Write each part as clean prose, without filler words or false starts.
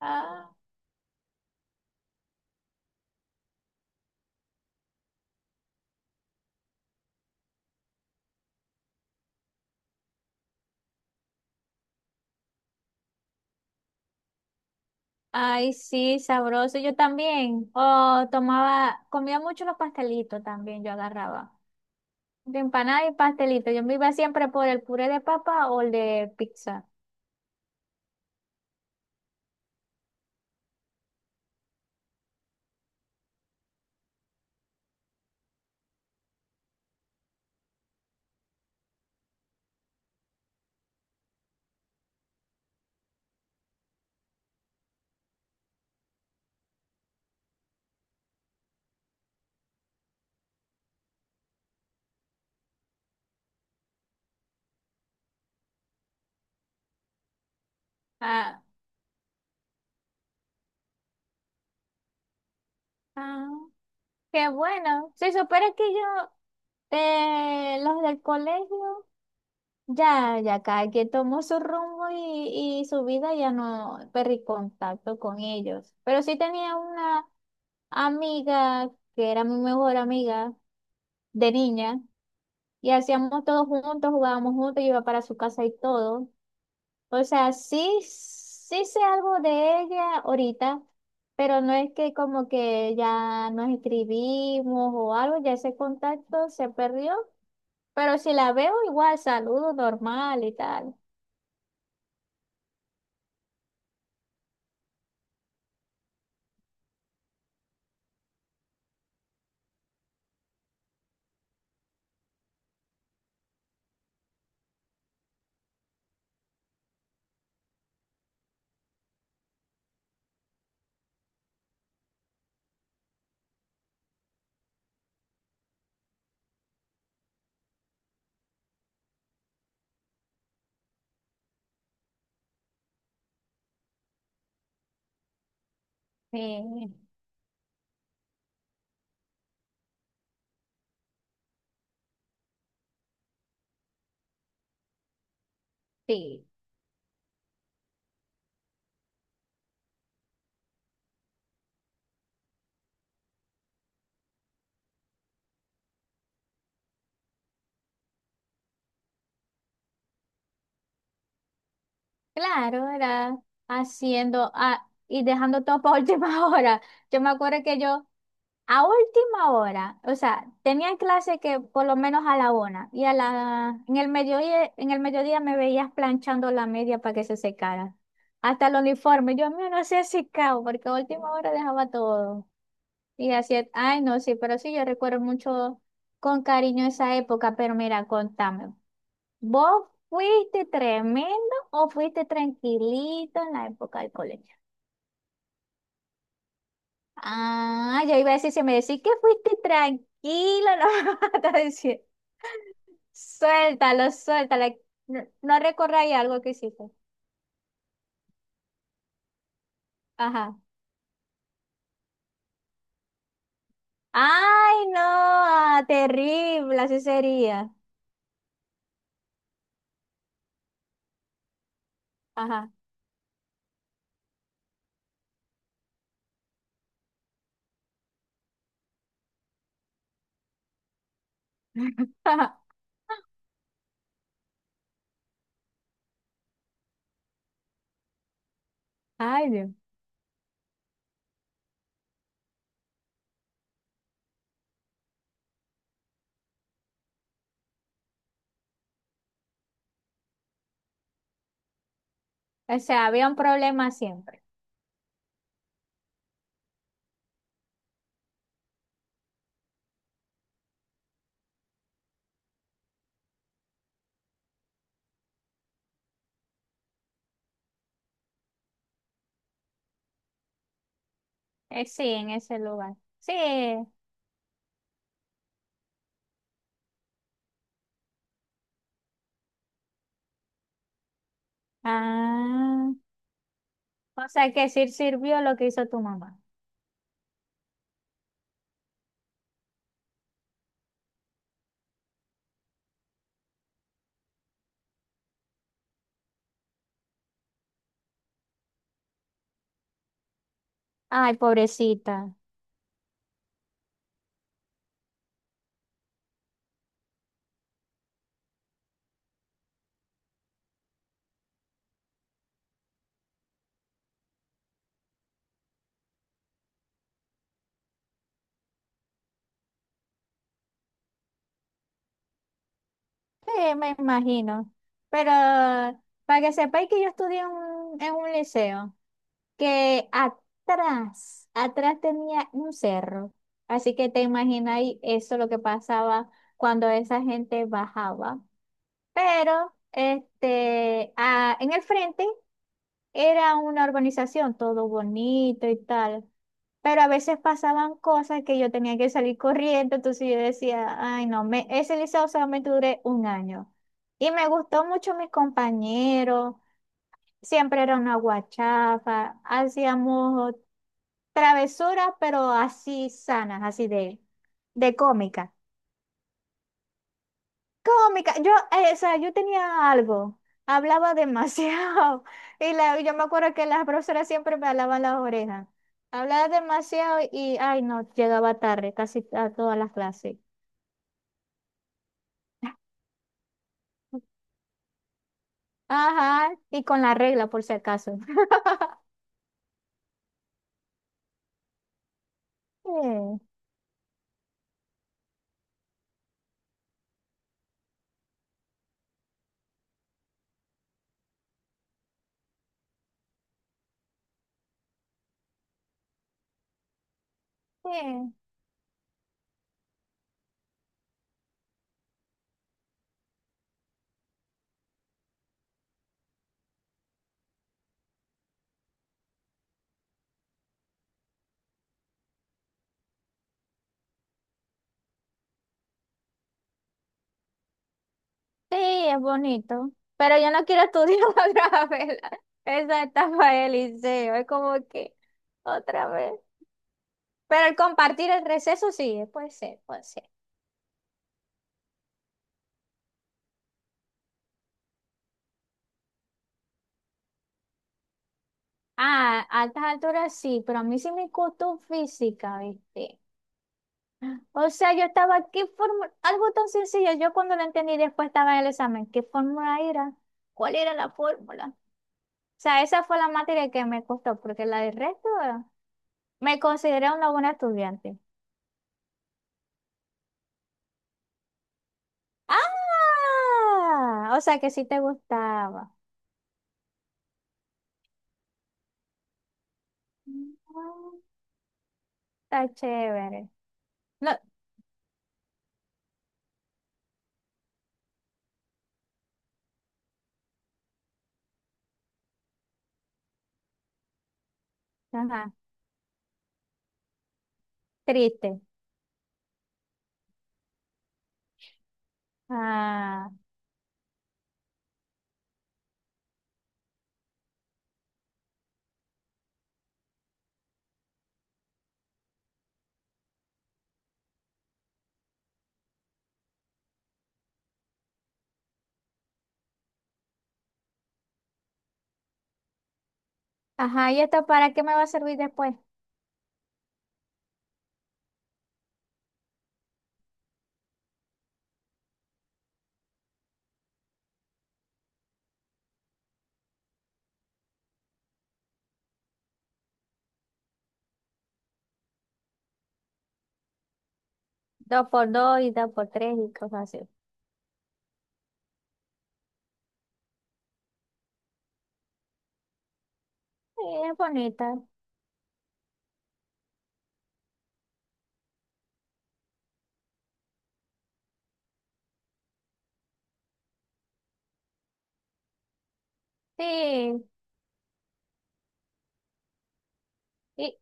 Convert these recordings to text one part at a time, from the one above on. Ah, ay, sí, sabroso. Yo también. Oh, tomaba, comía mucho los pastelitos también, yo agarraba. De empanada y pastelito. Yo me iba siempre por el puré de papa o el de pizza. Ah, ah, qué bueno. Si supera que yo, los del colegio, ya cada quien tomó su rumbo y su vida, ya no perdí contacto con ellos. Pero sí tenía una amiga que era mi mejor amiga de niña. Y hacíamos todos juntos, jugábamos juntos, yo iba para su casa y todo. O sea, sí, sí sé algo de ella ahorita, pero no es que como que ya nos escribimos o algo, ya ese contacto se perdió. Pero si la veo, igual saludo normal y tal. Sí, sí. Claro, era haciendo y dejando todo para última hora. Yo me acuerdo que yo, a última hora, o sea, tenía clase que por lo menos a la una y a la en el mediodía me veías planchando la media para que se secara. Hasta el uniforme, yo mío no sé secado porque a última hora dejaba todo. Y así, es. Ay no, sí, pero sí, yo recuerdo mucho con cariño esa época, pero mira, contame, ¿vos fuiste tremendo o fuiste tranquilito en la época del colegio? Ah, yo iba a decir, si me decís que fuiste tranquilo, no vas a decir, suéltalo, suéltalo. No, no recordáis algo que hiciste. Ajá. Ay, no, ah, terrible, así sería. Ajá. Ay, Dios. O sea, había un problema siempre. Sí, en ese lugar. Sí. Ah, o sea que sí sirvió lo que hizo tu mamá. Ay, pobrecita. Sí, me imagino. Pero para que sepáis que yo estudié en un liceo, que atrás, atrás tenía un cerro. Así que te imagináis eso lo que pasaba cuando esa gente bajaba. Pero este, a- en el frente era una urbanización, todo bonito y tal. Pero a veces pasaban cosas que yo tenía que salir corriendo, entonces yo decía, ay no, me, ese liceo solamente duré un año. Y me gustó mucho mis compañeros, siempre era una guachafa, hacíamos travesuras, pero así sanas, así de cómica. Cómica, yo, o sea, yo tenía algo, hablaba demasiado y la, yo me acuerdo que las profesoras siempre me alaban las orejas. Hablaba demasiado y, ay no, llegaba tarde casi a todas las clases. Ajá, y con la regla por si acaso. Sí, sí, sí, es bonito, pero yo no quiero estudiar otra vez la- esa etapa del liceo, es como que otra vez. Pero el compartir el receso sí, puede ser, puede ser. Ah, a altas alturas sí, pero a mí sí me costó física, ¿viste? O sea, yo estaba, ¿qué fórmula? Algo tan sencillo, yo cuando lo entendí después estaba en el examen, ¿qué fórmula era? ¿Cuál era la fórmula? O sea, esa fue la materia que me costó, porque la del resto me consideré una buena estudiante. ¡Ah! O sea, que sí te gustaba. Ah, está chévere. No, ajá, triste. Ah, ajá, ¿y esto para qué me va a servir después? Dos por dos y dos por tres y cosas así. Sí, es bonita. Sí, y,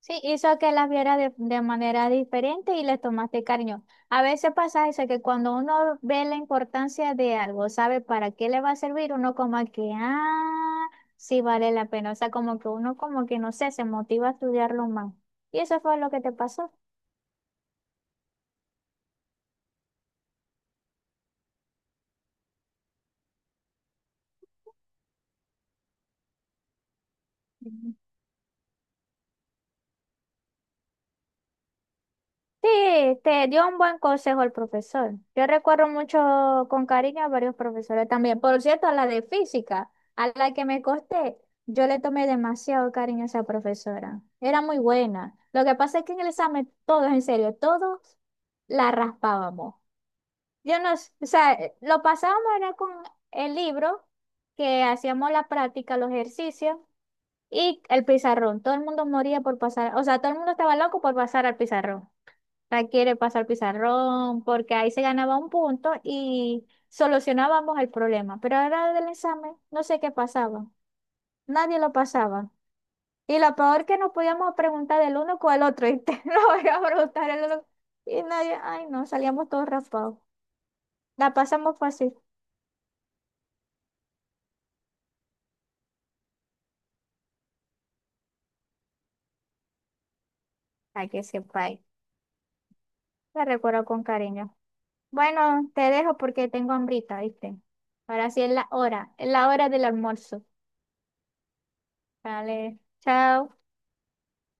sí, hizo que las viera de manera diferente y les tomaste cariño. A veces pasa eso, que cuando uno ve la importancia de algo, sabe para qué le va a servir, uno como que, ah, sí vale la pena. O sea, como que uno como que, no sé, se motiva a estudiarlo más. Y eso fue lo que te pasó. Sí, te dio un buen consejo el profesor. Yo recuerdo mucho con cariño a varios profesores también. Por cierto, a la de física, a la que me costé, yo le tomé demasiado cariño a esa profesora. Era muy buena. Lo que pasa es que en el examen, todos, en serio, todos la raspábamos. Yo no, s- o sea, lo pasábamos era con el libro, que hacíamos la práctica, los ejercicios y el pizarrón. Todo el mundo moría por pasar, o sea, todo el mundo estaba loco por pasar al pizarrón, la quiere pasar pizarrón, porque ahí se ganaba un punto y solucionábamos el problema. Pero ahora del examen, no sé qué pasaba. Nadie lo pasaba. Y lo peor que nos podíamos preguntar del uno con el otro. Y te lo voy a preguntar el otro. Y nadie, ay no, salíamos todos raspados. La pasamos fácil. Ay, que sepa ahí. La recuerdo con cariño. Bueno, te dejo porque tengo hambrita, ¿viste? Ahora sí es la hora del almuerzo. Vale, chao.